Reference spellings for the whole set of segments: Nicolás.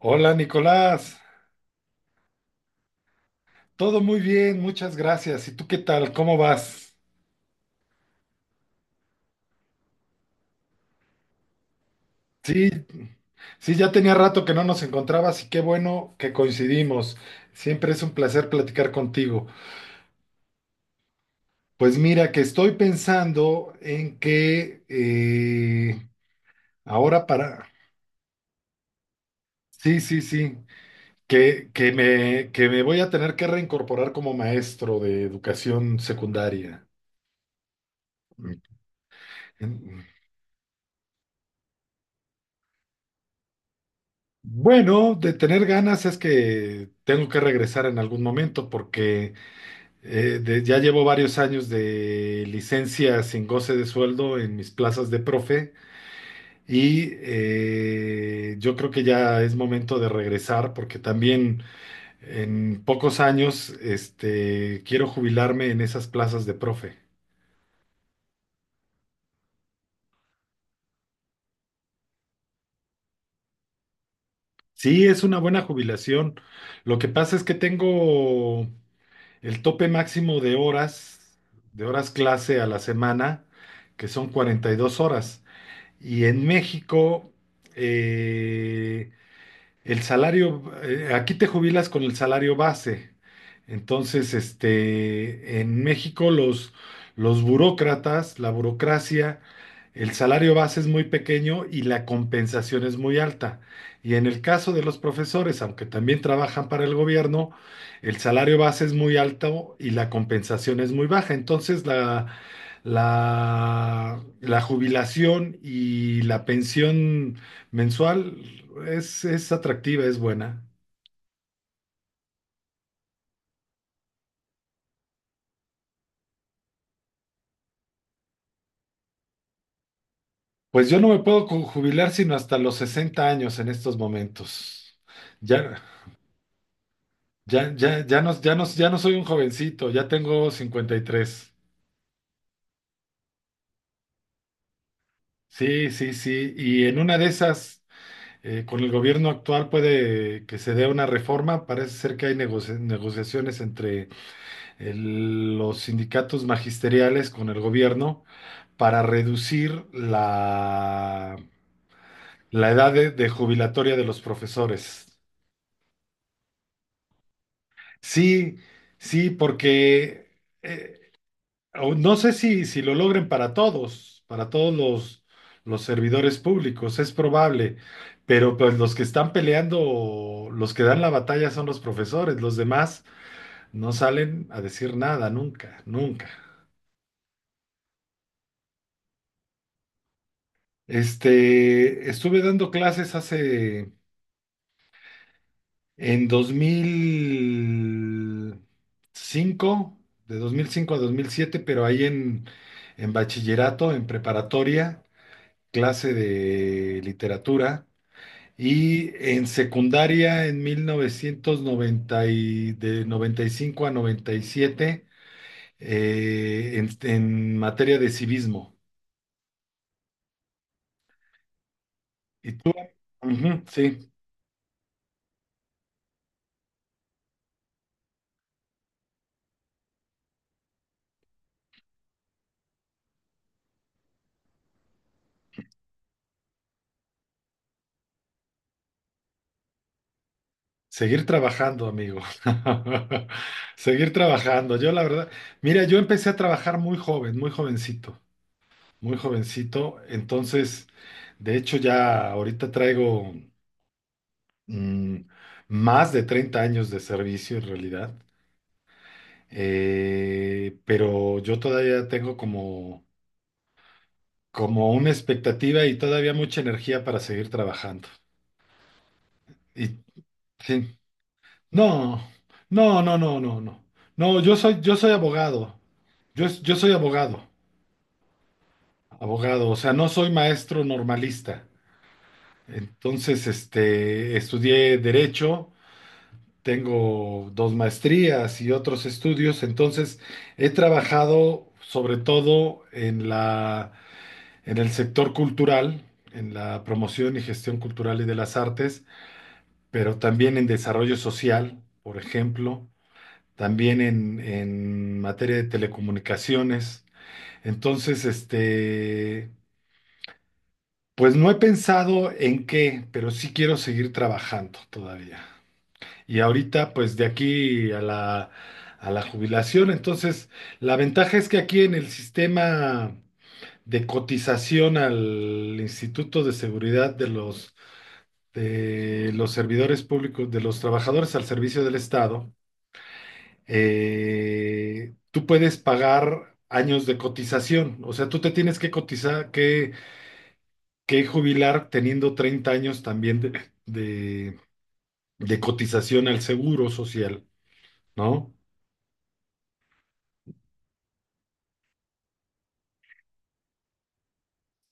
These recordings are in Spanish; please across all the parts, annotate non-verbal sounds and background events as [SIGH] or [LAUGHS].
Hola Nicolás, todo muy bien, muchas gracias. ¿Y tú qué tal? ¿Cómo vas? Sí, sí, ya tenía rato que no nos encontrabas y qué bueno que coincidimos. Siempre es un placer platicar contigo. Pues mira, que estoy pensando en que ahora para... Sí, sí, sí, que me voy a tener que reincorporar como maestro de educación secundaria. Bueno, de tener ganas es que tengo que regresar en algún momento porque ya llevo varios años de licencia sin goce de sueldo en mis plazas de profe y yo creo que ya es momento de regresar porque también en pocos años este, quiero jubilarme en esas plazas de profe. Sí, es una buena jubilación. Lo que pasa es que tengo el tope máximo de horas clase a la semana, que son 42 horas. Y en México, eh, el salario, aquí te jubilas con el salario base. Entonces, este, en México los burócratas, la burocracia, el salario base es muy pequeño y la compensación es muy alta. Y en el caso de los profesores, aunque también trabajan para el gobierno, el salario base es muy alto y la compensación es muy baja. Entonces, la jubilación y la pensión mensual es atractiva, es buena. Pues yo no me puedo co- jubilar sino hasta los 60 años en estos momentos. Ya, ya no, ya no, ya no soy un jovencito, ya tengo 53. Sí, sí, sí. Y en una de esas, con el gobierno actual puede que se dé una reforma. Parece ser que hay negociaciones entre los sindicatos magisteriales con el gobierno para reducir la la edad de jubilatoria de los profesores. Sí, sí, porque eh, o no sé si, si lo logren para todos, para los servidores públicos, es probable, pero pues los que están peleando, los que dan la batalla son los profesores, los demás no salen a decir nada, nunca, nunca. Este, estuve dando clases hace en 2005, de 2005 a 2007, pero ahí en bachillerato, en preparatoria, clase de literatura. Y en secundaria, en 1995 de 95 a 97, en materia de civismo. ¿Y tú? Ujú, sí. Seguir trabajando, amigo. [LAUGHS] Seguir trabajando. Yo la verdad, mira, yo empecé a trabajar muy joven, muy jovencito, muy jovencito. Entonces, de hecho, ya ahorita traigo mm, más de 30 años de servicio en realidad. Pero yo todavía tengo como, como una expectativa y todavía mucha energía para seguir trabajando. Y sí. No, no, no, no, no, no. No, yo soy abogado. Yo soy abogado. Abogado, o sea, no soy maestro normalista. Entonces, este, estudié derecho, tengo 2 maestrías y otros estudios. Entonces, he trabajado sobre todo en en el sector cultural, en la promoción y gestión cultural y de las artes, pero también en desarrollo social, por ejemplo. También en materia de telecomunicaciones. Entonces, este, pues no he pensado en qué, pero sí quiero seguir trabajando todavía. Y ahorita, pues de aquí a a la jubilación, entonces, la ventaja es que aquí en el sistema de cotización al Instituto de Seguridad de de los servidores públicos, de los trabajadores al servicio del Estado, tú puedes pagar años de cotización. O sea, tú te tienes que cotizar, que jubilar teniendo 30 años también de cotización al seguro social, ¿no?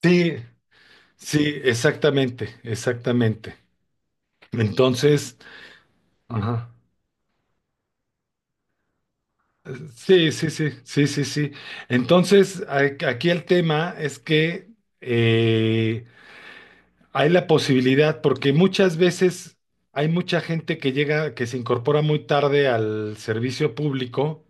Sí, sí, exactamente, exactamente. Entonces, ajá. Sí, sí, sí, sí, sí, sí. Entonces, aquí el tema es que eh, hay la posibilidad, porque muchas veces hay mucha gente que llega, que se incorpora muy tarde al servicio público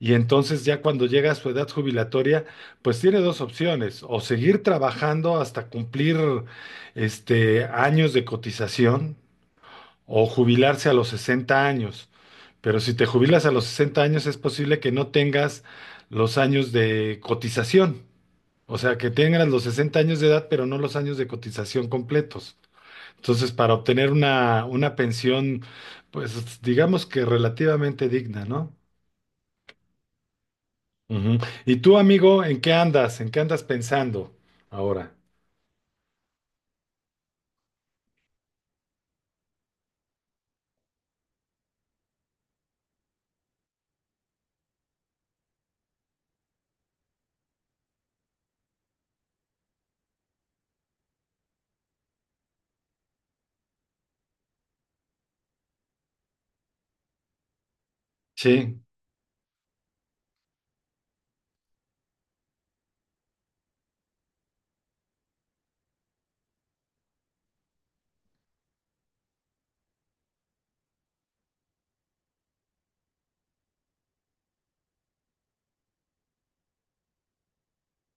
y entonces ya cuando llega a su edad jubilatoria, pues tiene dos opciones, o seguir trabajando hasta cumplir este, años de cotización o jubilarse a los 60 años. Pero si te jubilas a los 60 años es posible que no tengas los años de cotización, o sea, que tengas los 60 años de edad, pero no los años de cotización completos. Entonces, para obtener una pensión, pues digamos que relativamente digna, ¿no? Ujú. ¿Y tú, amigo, en qué andas? ¿En qué andas pensando ahora? Sí.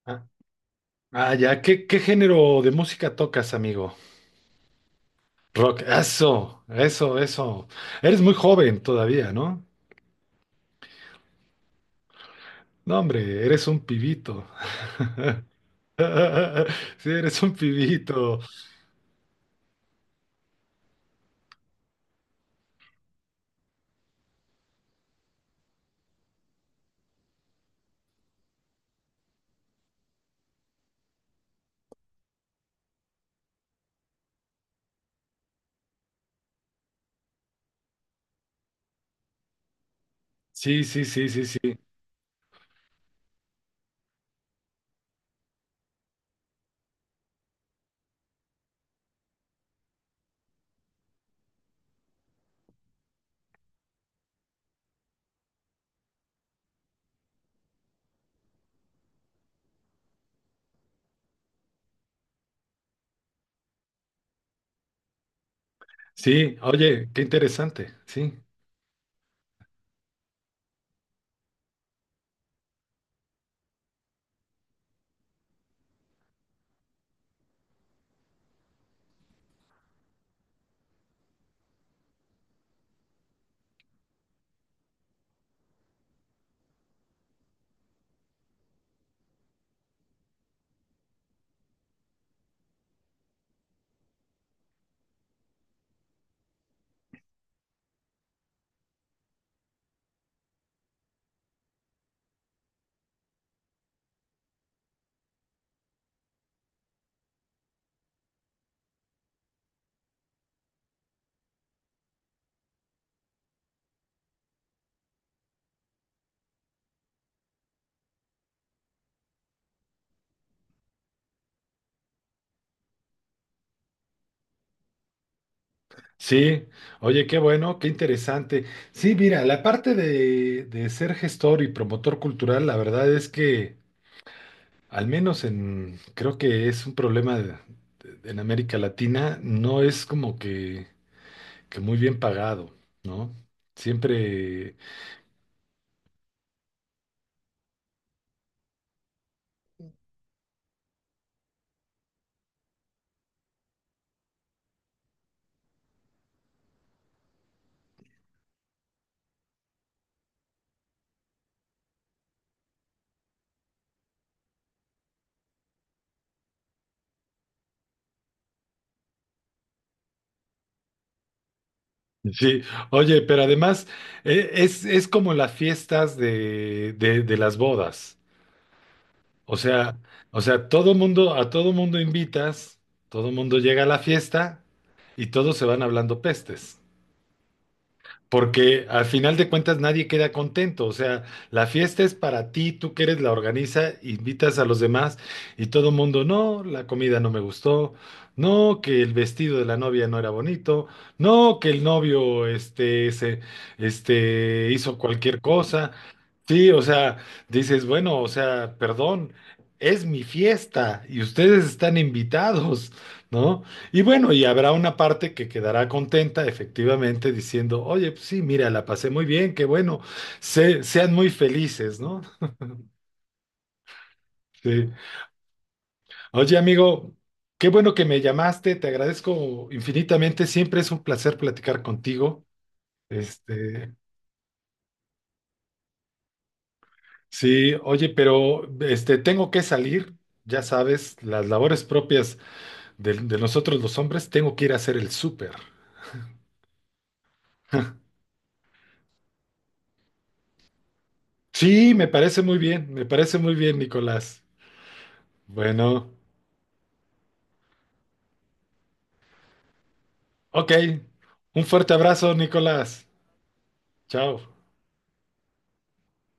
Ah, ah, ya. ¿Qué, qué género de música tocas, amigo? Rock. Eso, eso, eso. Eres muy joven todavía, ¿no? No, hombre, eres un pibito. [LAUGHS] Sí, eres un pibito. Sí, sí, sí, sí, sí. Sí, oye, qué interesante. Sí. Sí, oye, qué bueno, qué interesante. Sí, mira, la parte de ser gestor y promotor cultural, la verdad es que, al menos en, creo que es un problema en América Latina, no es como que muy bien pagado, ¿no? Siempre, sí, oye, pero además es como las fiestas de de las bodas. O sea, o sea, todo mundo, a todo mundo invitas, todo mundo llega a la fiesta y todos se van hablando pestes porque al final de cuentas nadie queda contento, o sea, la fiesta es para ti, tú que eres la organiza, invitas a los demás y todo el mundo, no, la comida no me gustó, no, que el vestido de la novia no era bonito, no, que el novio este, hizo cualquier cosa. Sí, o sea, dices, bueno, o sea, perdón, es mi fiesta y ustedes están invitados, ¿no? Y bueno, y habrá una parte que quedará contenta, efectivamente, diciendo, oye, pues sí, mira, la pasé muy bien, qué bueno, se- sean muy felices, ¿no? Sí. Oye, amigo, qué bueno que me llamaste, te agradezco infinitamente, siempre es un placer platicar contigo. Este, sí, oye, pero este, tengo que salir, ya sabes, las labores propias de nosotros los hombres, tengo que ir a hacer el súper. Sí, me parece muy bien, me parece muy bien, Nicolás. Bueno. Ok, un fuerte abrazo, Nicolás. Chao.